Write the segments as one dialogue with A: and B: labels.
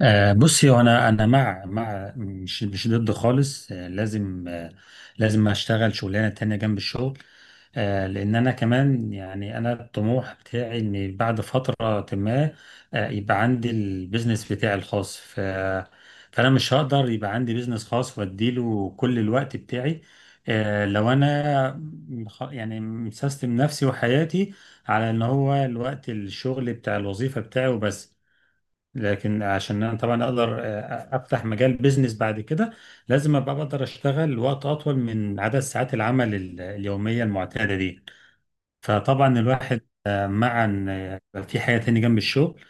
A: بصي، هو انا انا مع مش ضد خالص. لازم اشتغل شغلانه تانية جنب الشغل. لان انا كمان، يعني انا الطموح بتاعي ان بعد فتره ما يبقى عندي البيزنس بتاعي الخاص. فانا مش هقدر يبقى عندي بيزنس خاص واديله كل الوقت بتاعي. لو انا يعني مسيستم نفسي وحياتي على ان هو الوقت الشغل بتاع الوظيفه بتاعي وبس، لكن عشان انا طبعا اقدر افتح مجال بيزنس بعد كده لازم ابقى بقدر اشتغل وقت اطول من عدد ساعات العمل اليوميه المعتاده دي. فطبعا الواحد مع ان في حياه تاني جنب الشغل،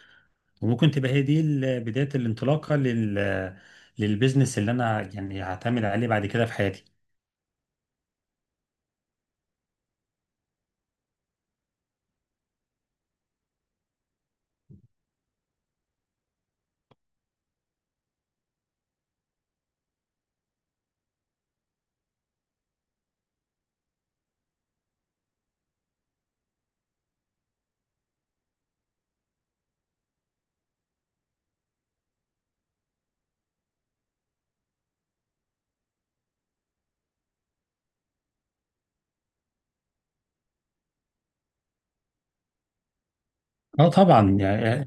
A: وممكن تبقى هي دي بدايه الانطلاقه للبيزنس اللي انا يعني هعتمد عليه بعد كده في حياتي. اه طبعا، يعني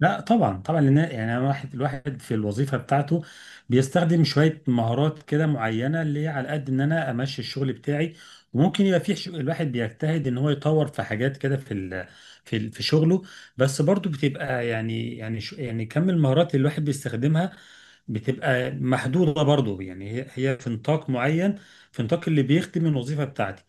A: لا طبعا طبعا، لان يعني أنا واحد الواحد في الوظيفه بتاعته بيستخدم شويه مهارات كده معينه، اللي هي على قد ان انا امشي الشغل بتاعي. وممكن يبقى في الواحد بيجتهد ان هو يطور في حاجات كده في شغله. بس برضو بتبقى يعني كم المهارات اللي الواحد بيستخدمها بتبقى محدوده برضو، يعني هي في نطاق معين، في نطاق اللي بيخدم الوظيفه بتاعتي.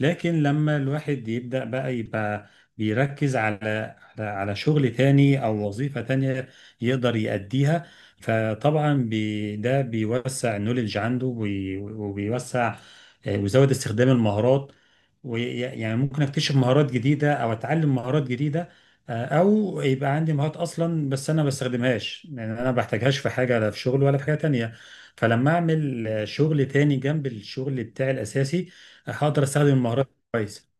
A: لكن لما الواحد يبدا بقى يبقى بيركز على شغل تاني او وظيفة تانية يقدر يأديها. فطبعا ده بيوسع النوليدج عنده وبيوسع ويزود استخدام المهارات، ويعني ممكن اكتشف مهارات جديدة او اتعلم مهارات جديدة، او يبقى عندي مهارات اصلا بس انا ما بستخدمهاش، يعني انا ما بحتاجهاش في حاجة، لا في شغل ولا في حاجة تانية. فلما اعمل شغل تاني جنب الشغل بتاعي الاساسي، هقدر استخدم المهارات كويس.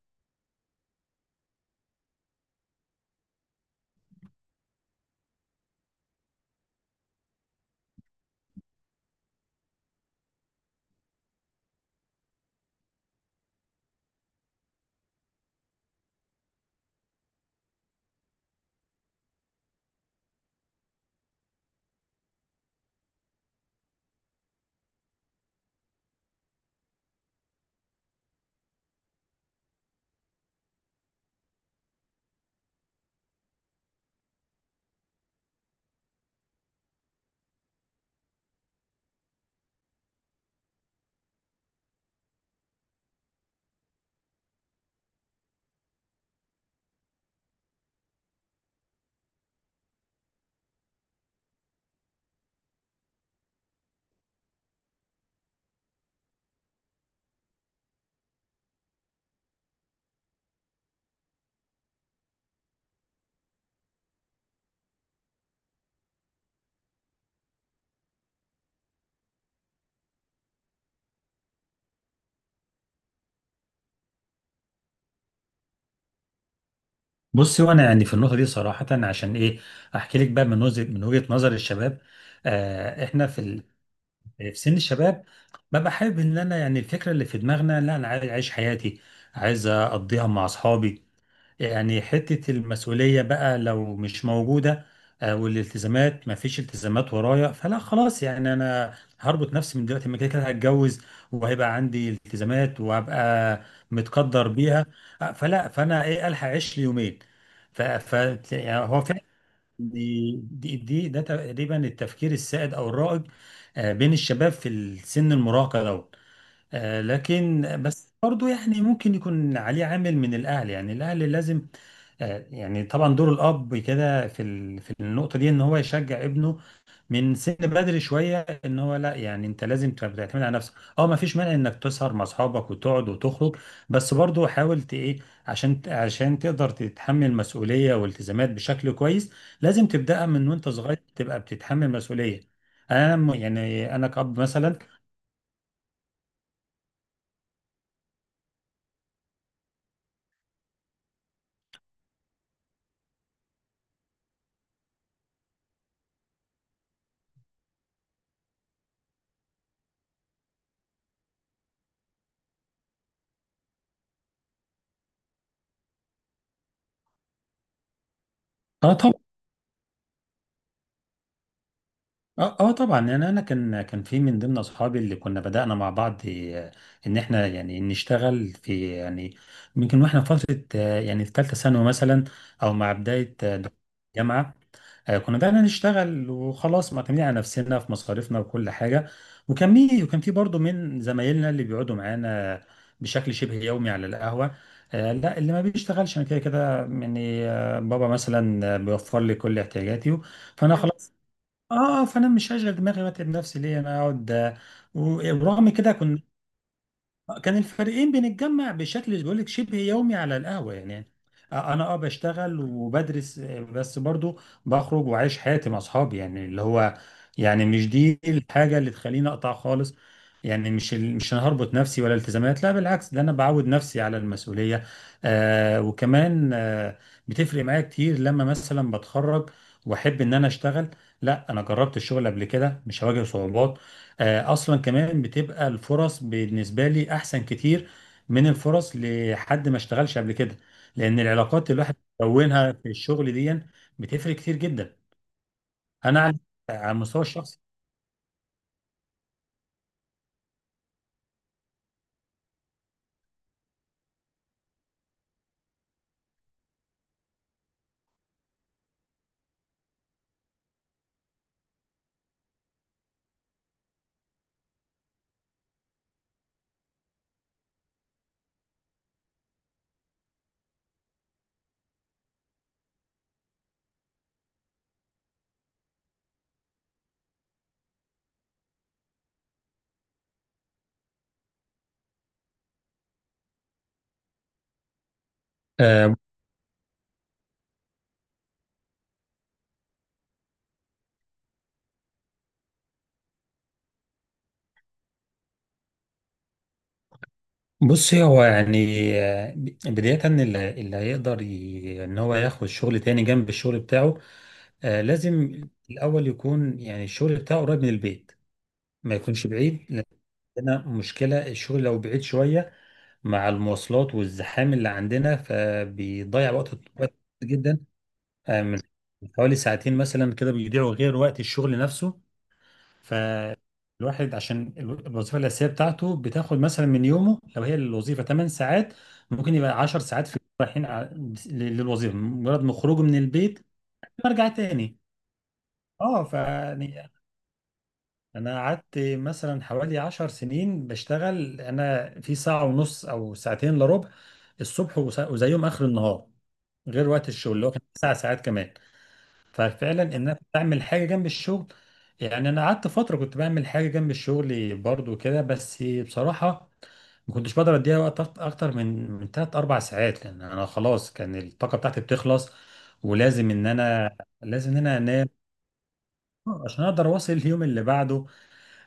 A: بصي، وانا يعني في النقطه دي صراحه عشان ايه احكي لك بقى، من وجهه نظر الشباب، آه احنا في في سن الشباب، ببقى حابب ان انا، يعني الفكره اللي في دماغنا، لا انا عايز اعيش حياتي، عايز اقضيها مع اصحابي، يعني حتة المسؤولية بقى لو مش موجودة والالتزامات، ما فيش التزامات ورايا، فلا خلاص، يعني أنا هربط نفسي من دلوقتي؟ ما كده كده هتجوز وهيبقى عندي التزامات وهبقى متقدر بيها. فلا، فأنا إيه، ألحق أعيش لي يومين. ف ف يعني هو فعلا دي دي دي ده تقريبا التفكير السائد أو الرائج بين الشباب في السن المراهقة ده. لكن بس برضو، يعني ممكن يكون عليه عامل من الأهل، يعني الأهل لازم يعني طبعا دور الأب كده في في النقطة دي إن هو يشجع ابنه من سن بدري شوية، إن هو لا، يعني أنت لازم تبقى تعتمد على نفسك، أه ما فيش مانع إنك تسهر مع أصحابك وتقعد وتخرج، بس برضو حاول إيه، عشان عشان تقدر تتحمل مسؤولية والتزامات بشكل كويس، لازم تبدأها من وأنت صغير تبقى بتتحمل مسؤولية. يعني أنا كأب مثلا، أنا اه اه طبعا، يعني انا كان في من ضمن اصحابي اللي كنا بدأنا مع بعض ان احنا يعني نشتغل في، يعني يمكن واحنا في فترة يعني في ثالثة ثانوي مثلا، او مع بداية دخول الجامعة. كنا بدأنا نشتغل وخلاص، معتمدين على نفسنا في مصاريفنا وكل حاجة. وكان في برضه من زمايلنا اللي بيقعدوا معانا بشكل شبه يومي على القهوة، لا اللي ما بيشتغلش انا كده كده، يعني بابا مثلا بيوفر لي كل احتياجاتي. فانا مم. اه آه، فانا مش هشغل دماغي واتعب نفسي ليه انا اقعد، ورغم كده كنت كان الفريقين بنتجمع بشكل، بقول لك، شبه يومي على القهوة. يعني انا اه بشتغل وبدرس، بس برضو بخرج وعايش حياتي مع اصحابي، يعني اللي هو، يعني مش دي الحاجة اللي تخليني اقطع خالص. يعني مش انا هربط نفسي، ولا التزامات، لا بالعكس ده انا بعود نفسي على المسؤولية. آه وكمان آه بتفرق معايا كتير لما مثلا بتخرج واحب ان انا اشتغل، لا انا جربت الشغل قبل كده مش هواجه صعوبات، اصلا كمان بتبقى الفرص بالنسبه لي احسن كتير من الفرص لحد ما اشتغلش قبل كده، لان العلاقات اللي الواحد بيكونها في الشغل دي بتفرق كتير جدا، انا على المستوى الشخصي. آه، بصي هو يعني، آه، بداية اللي هيقدر ان هو ياخد شغل تاني جنب الشغل بتاعه، لازم الاول يكون، يعني الشغل بتاعه قريب من البيت، ما يكونش بعيد، لان عندنا مشكلة الشغل لو بعيد شوية، مع المواصلات والزحام اللي عندنا فبيضيع وقت جدا، من حوالي ساعتين مثلا كده بيضيعوا غير وقت الشغل نفسه. فالواحد، عشان الوظيفة الأساسية بتاعته بتاخد مثلا من يومه، لو هي الوظيفة 8 ساعات، ممكن يبقى 10 ساعات في رايحين للوظيفة، مجرد ما خروجه من البيت برجع تاني. اه ف انا قعدت مثلا حوالي 10 سنين بشتغل، انا في ساعة ونص او ساعتين الا ربع الصبح وزيهم اخر النهار، غير وقت الشغل اللي هو كان 9 ساعات كمان. ففعلا، ان انا بعمل حاجة جنب الشغل، يعني انا قعدت فترة كنت بعمل حاجة جنب الشغل برضو كده، بس بصراحة ما كنتش بقدر اديها وقت اكتر من تلات اربع ساعات، لان انا خلاص كان الطاقة بتاعتي بتخلص، ولازم ان انا لازم ان انا انام عشان اقدر اواصل اليوم اللي بعده.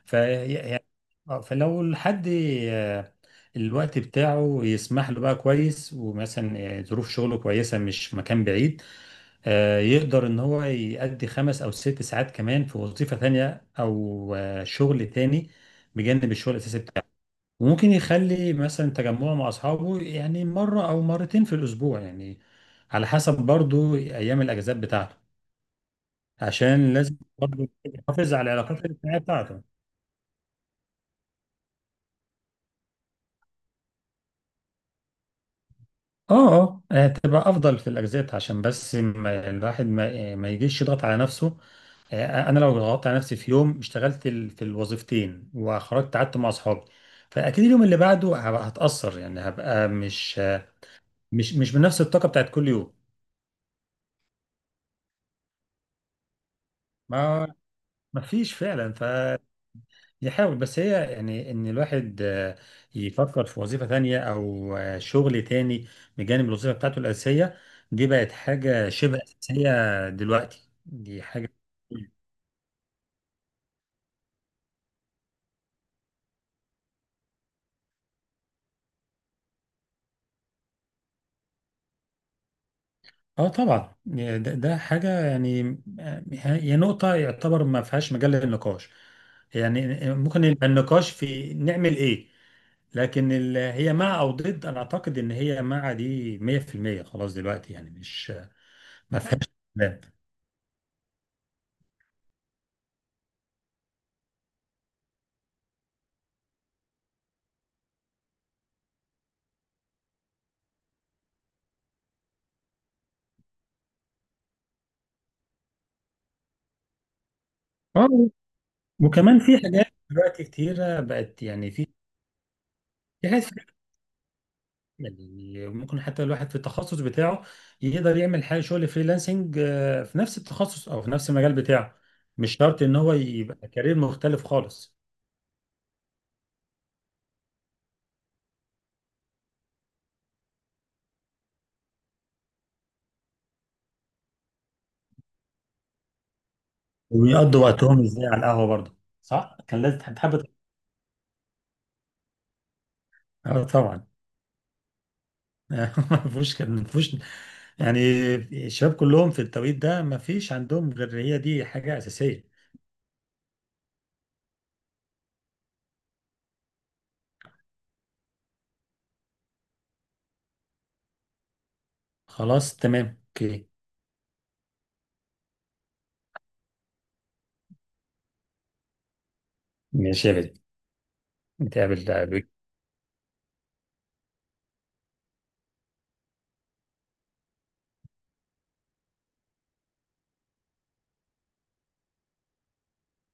A: ف يعني آه، فلو الحد آه، الوقت بتاعه يسمح له بقى كويس، ومثلا ظروف شغله كويسة، مش مكان بعيد، يقدر ان هو يأدي 5 أو 6 ساعات كمان في وظيفة تانية او شغل تاني بجانب الشغل الاساسي بتاعه. وممكن يخلي مثلا تجمعه مع اصحابه، يعني مرة او مرتين في الاسبوع، يعني على حسب برضو ايام الاجازات بتاعته، عشان لازم برضو يحافظ على العلاقات الاجتماعية بتاعته. اه اه، هتبقى افضل في الاجازات، عشان بس ما الواحد ما يجيش يضغط على نفسه. انا لو ضغطت على نفسي في يوم، اشتغلت في الوظيفتين وخرجت قعدت مع اصحابي، فاكيد اليوم اللي بعده هبقى هتاثر، يعني هبقى مش بنفس الطاقه بتاعت كل يوم. ما ما فيش فعلا. يحاول، بس هي يعني ان الواحد يفكر في وظيفة تانية او شغل تاني بجانب الوظيفة بتاعته الأساسية، دي بقت حاجة شبه أساسية دلوقتي، دي حاجة. اه طبعا، يعني ده حاجة، يعني هي نقطة يعتبر ما فيهاش مجال للنقاش، يعني ممكن يبقى النقاش في نعمل ايه، لكن هي مع او ضد، انا اعتقد ان هي مع، دي 100% خلاص دلوقتي، يعني مش آه، ما فيهاش كلام. وكمان في حاجات دلوقتي كتيرة بقت، يعني في حاجات فريلانسنج، يعني ممكن حتى الواحد في التخصص بتاعه يقدر يعمل حاجة، شغل فريلانسنج في نفس التخصص أو في نفس المجال بتاعه، مش شرط إن هو يبقى كارير مختلف خالص. ويقضوا وقتهم إزاي على القهوة برضه؟ صح؟ كان لازم تحب. اه طبعا ما ما فيهوش، يعني الشباب كلهم في التوقيت ده ما فيش عندهم غير هي دي حاجة أساسية. خلاص تمام، اوكي. ماشي يا بدر، نتقابل.